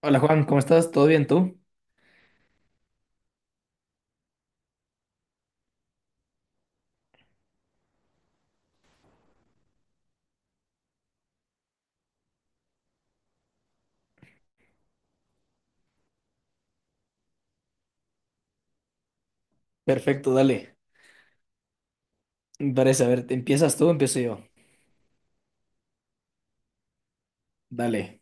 Hola Juan, ¿cómo estás? ¿Todo bien tú? Perfecto, dale. Me parece, a ver, ¿te ¿empiezas tú o empiezo yo? Dale.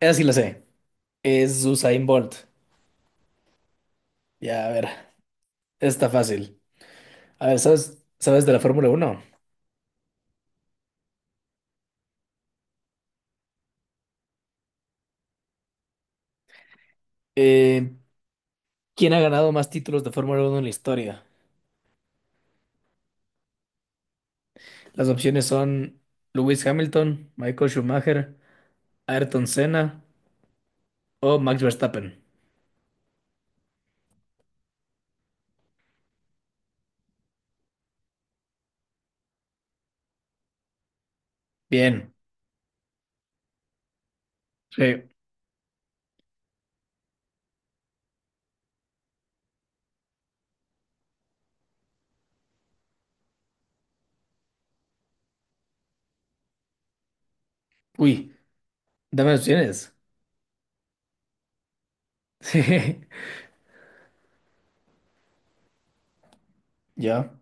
Esa sí la sé. Es Usain Bolt. Ya, a ver, está fácil. A ver, ¿sabes de la Fórmula Uno? Eh, ¿Quién ha ganado más títulos de Fórmula Uno en la historia? Las opciones son Lewis Hamilton, Michael Schumacher, Ayrton Senna o Max Verstappen. Bien. Sí. Uy, dame opciones. Sí. Ya.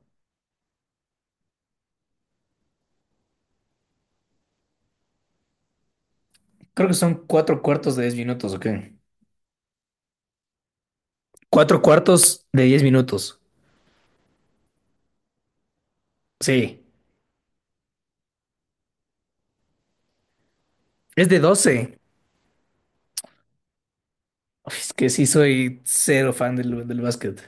Creo que son cuatro cuartos de 10 minutos, ¿ok? Cuatro cuartos de diez minutos. Sí. Es de doce. Es que sí soy cero fan del básquet.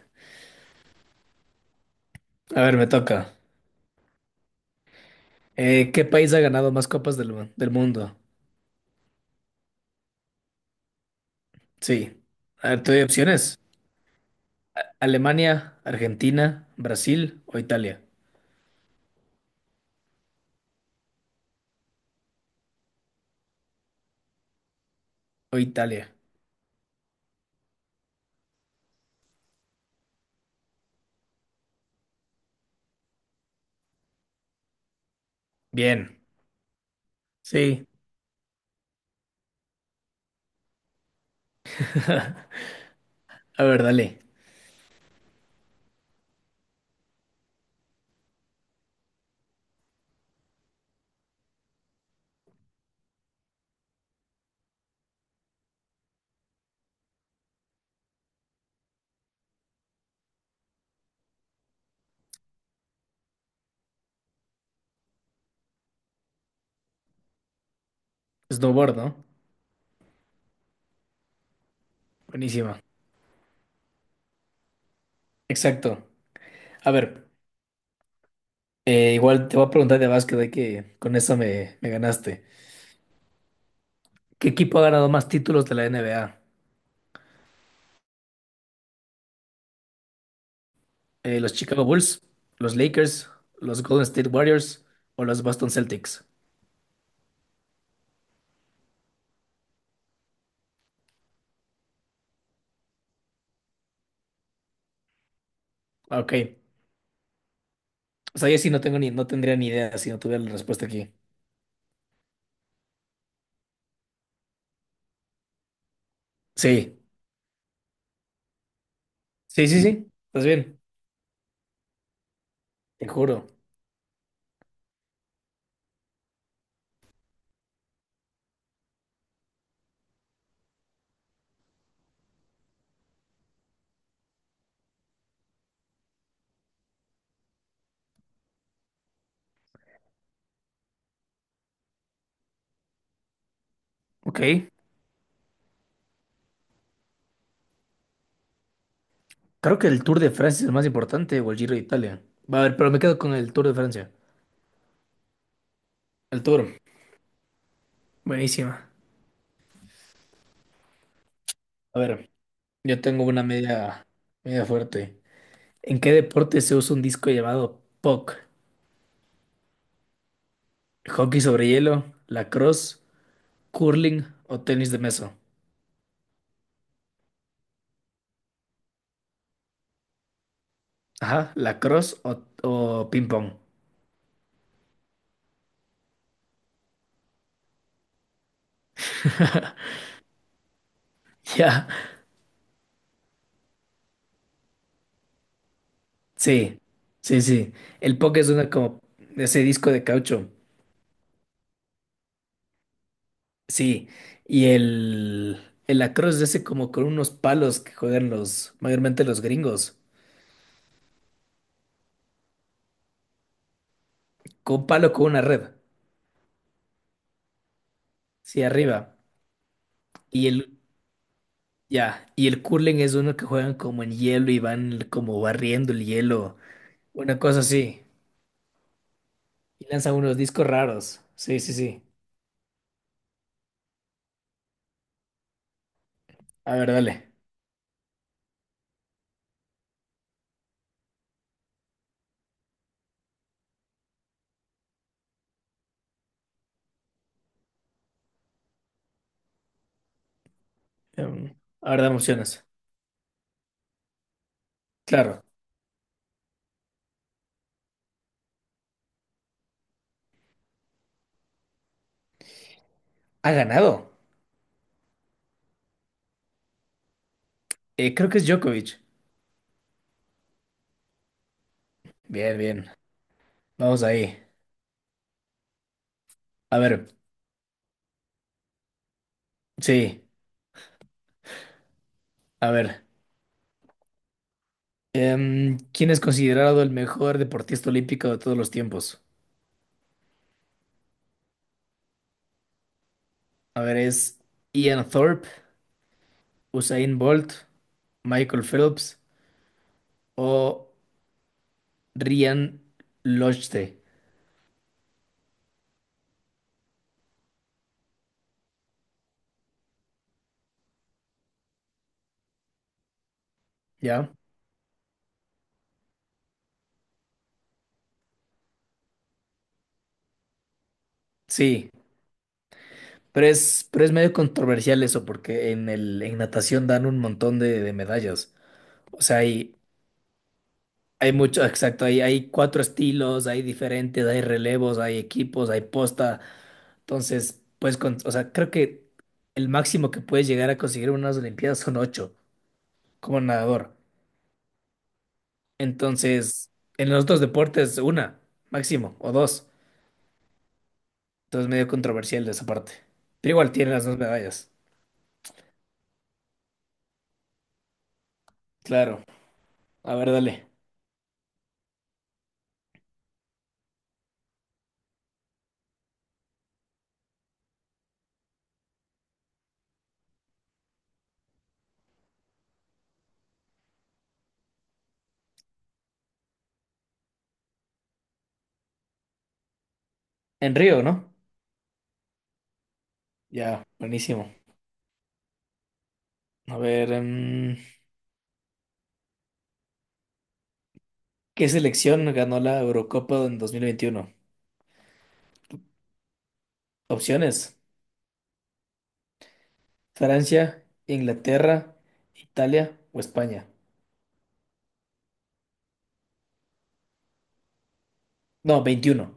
A ver, me toca. ¿Qué país ha ganado más copas del mundo? Sí. A ver, te doy opciones. Alemania, Argentina, Brasil o Italia. O Italia. Bien. Sí. A ver, dale. Snowboard, ¿no? Buenísima. Exacto. A ver, igual te voy a preguntar de básquet, de que con eso me ganaste. ¿Qué equipo ha ganado más títulos de la NBA? Los Chicago Bulls, los Lakers, los Golden State Warriors o los Boston Celtics. Ah, ok. O sea, yo sí no tengo ni, no tendría ni idea si no tuviera la respuesta aquí. Sí. Sí, sí, sí. Estás bien. Te juro. Ok. Creo que el Tour de Francia es el más importante o el Giro de Italia. Va a ver, pero me quedo con el Tour de Francia. El Tour. Buenísima. A ver, yo tengo una media fuerte. ¿En qué deporte se usa un disco llamado puck? ¿Hockey sobre hielo, lacrosse, curling o tenis de mesa? Ajá, lacrosse o ping pong. Ya, sí, sí, sí. El poke es una como ese disco de caucho. Sí, y el lacrosse es ese como con unos palos que juegan los, mayormente los gringos. Con un palo con una red. Sí, arriba. Y el, ya, y el curling es uno que juegan como en hielo y van como barriendo el hielo. Una cosa así. Y lanzan unos discos raros. Sí, sí, sí. A ver, dale. Em, a ver, dame opciones. Claro. Ha ganado. Creo que es Djokovic. Bien, bien. Vamos ahí. A ver, sí, a ver. ¿Quién es considerado el mejor deportista olímpico de todos los tiempos? A ver, ¿es Ian Thorpe, Usain Bolt, Michael Phelps o Ryan Lochte? ¿Ya? Sí, pero es medio controversial eso porque en natación dan un montón de medallas. O sea, hay mucho, exacto, hay cuatro estilos, hay diferentes, hay relevos, hay equipos, hay posta. Entonces, pues, con, o sea, creo que el máximo que puedes llegar a conseguir en unas Olimpiadas son ocho como nadador. Entonces, en los otros deportes, una, máximo, o dos. Entonces, medio controversial de esa parte. Pero igual tiene las dos medallas. Claro. A ver, dale. En Río, ¿no? Ya, buenísimo. A ver, ¿qué selección ganó la Eurocopa en 2021? Opciones. Francia, Inglaterra, Italia o España. No, veintiuno.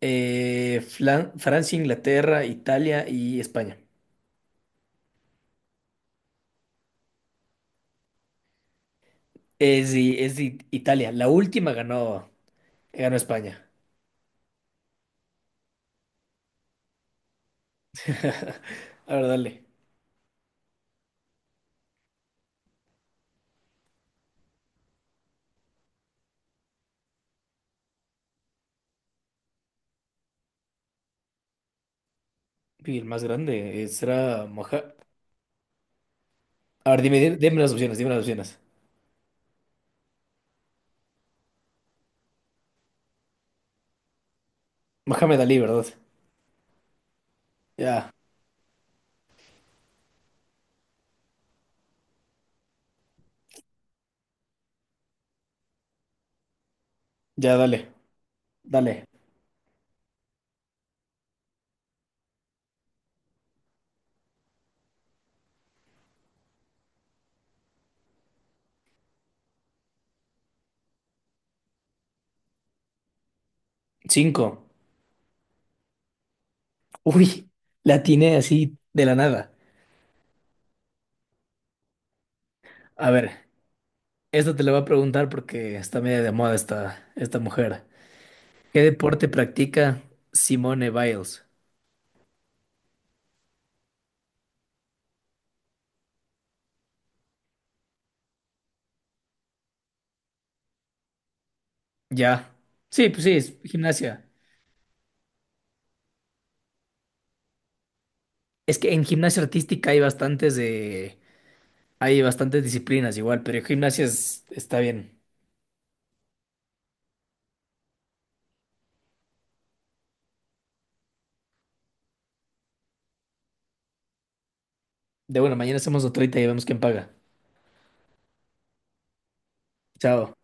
Francia, Inglaterra, Italia y España. Es de Italia. La última ganó, España. A ver, dale. Y el más grande será Moja. A ver, dime las opciones, dime las opciones. Mohamed Ali, ¿verdad? Ya, ya, dale, dale. Cinco. Uy, la atiné así de la nada. A ver, esta te la voy a preguntar porque está media de moda esta mujer. ¿Qué deporte practica Simone Biles? Ya. Sí, pues sí, es gimnasia. Es que en gimnasia artística hay bastantes disciplinas igual, pero en gimnasia está bien. De bueno, mañana hacemos otra y vemos quién paga. Chao.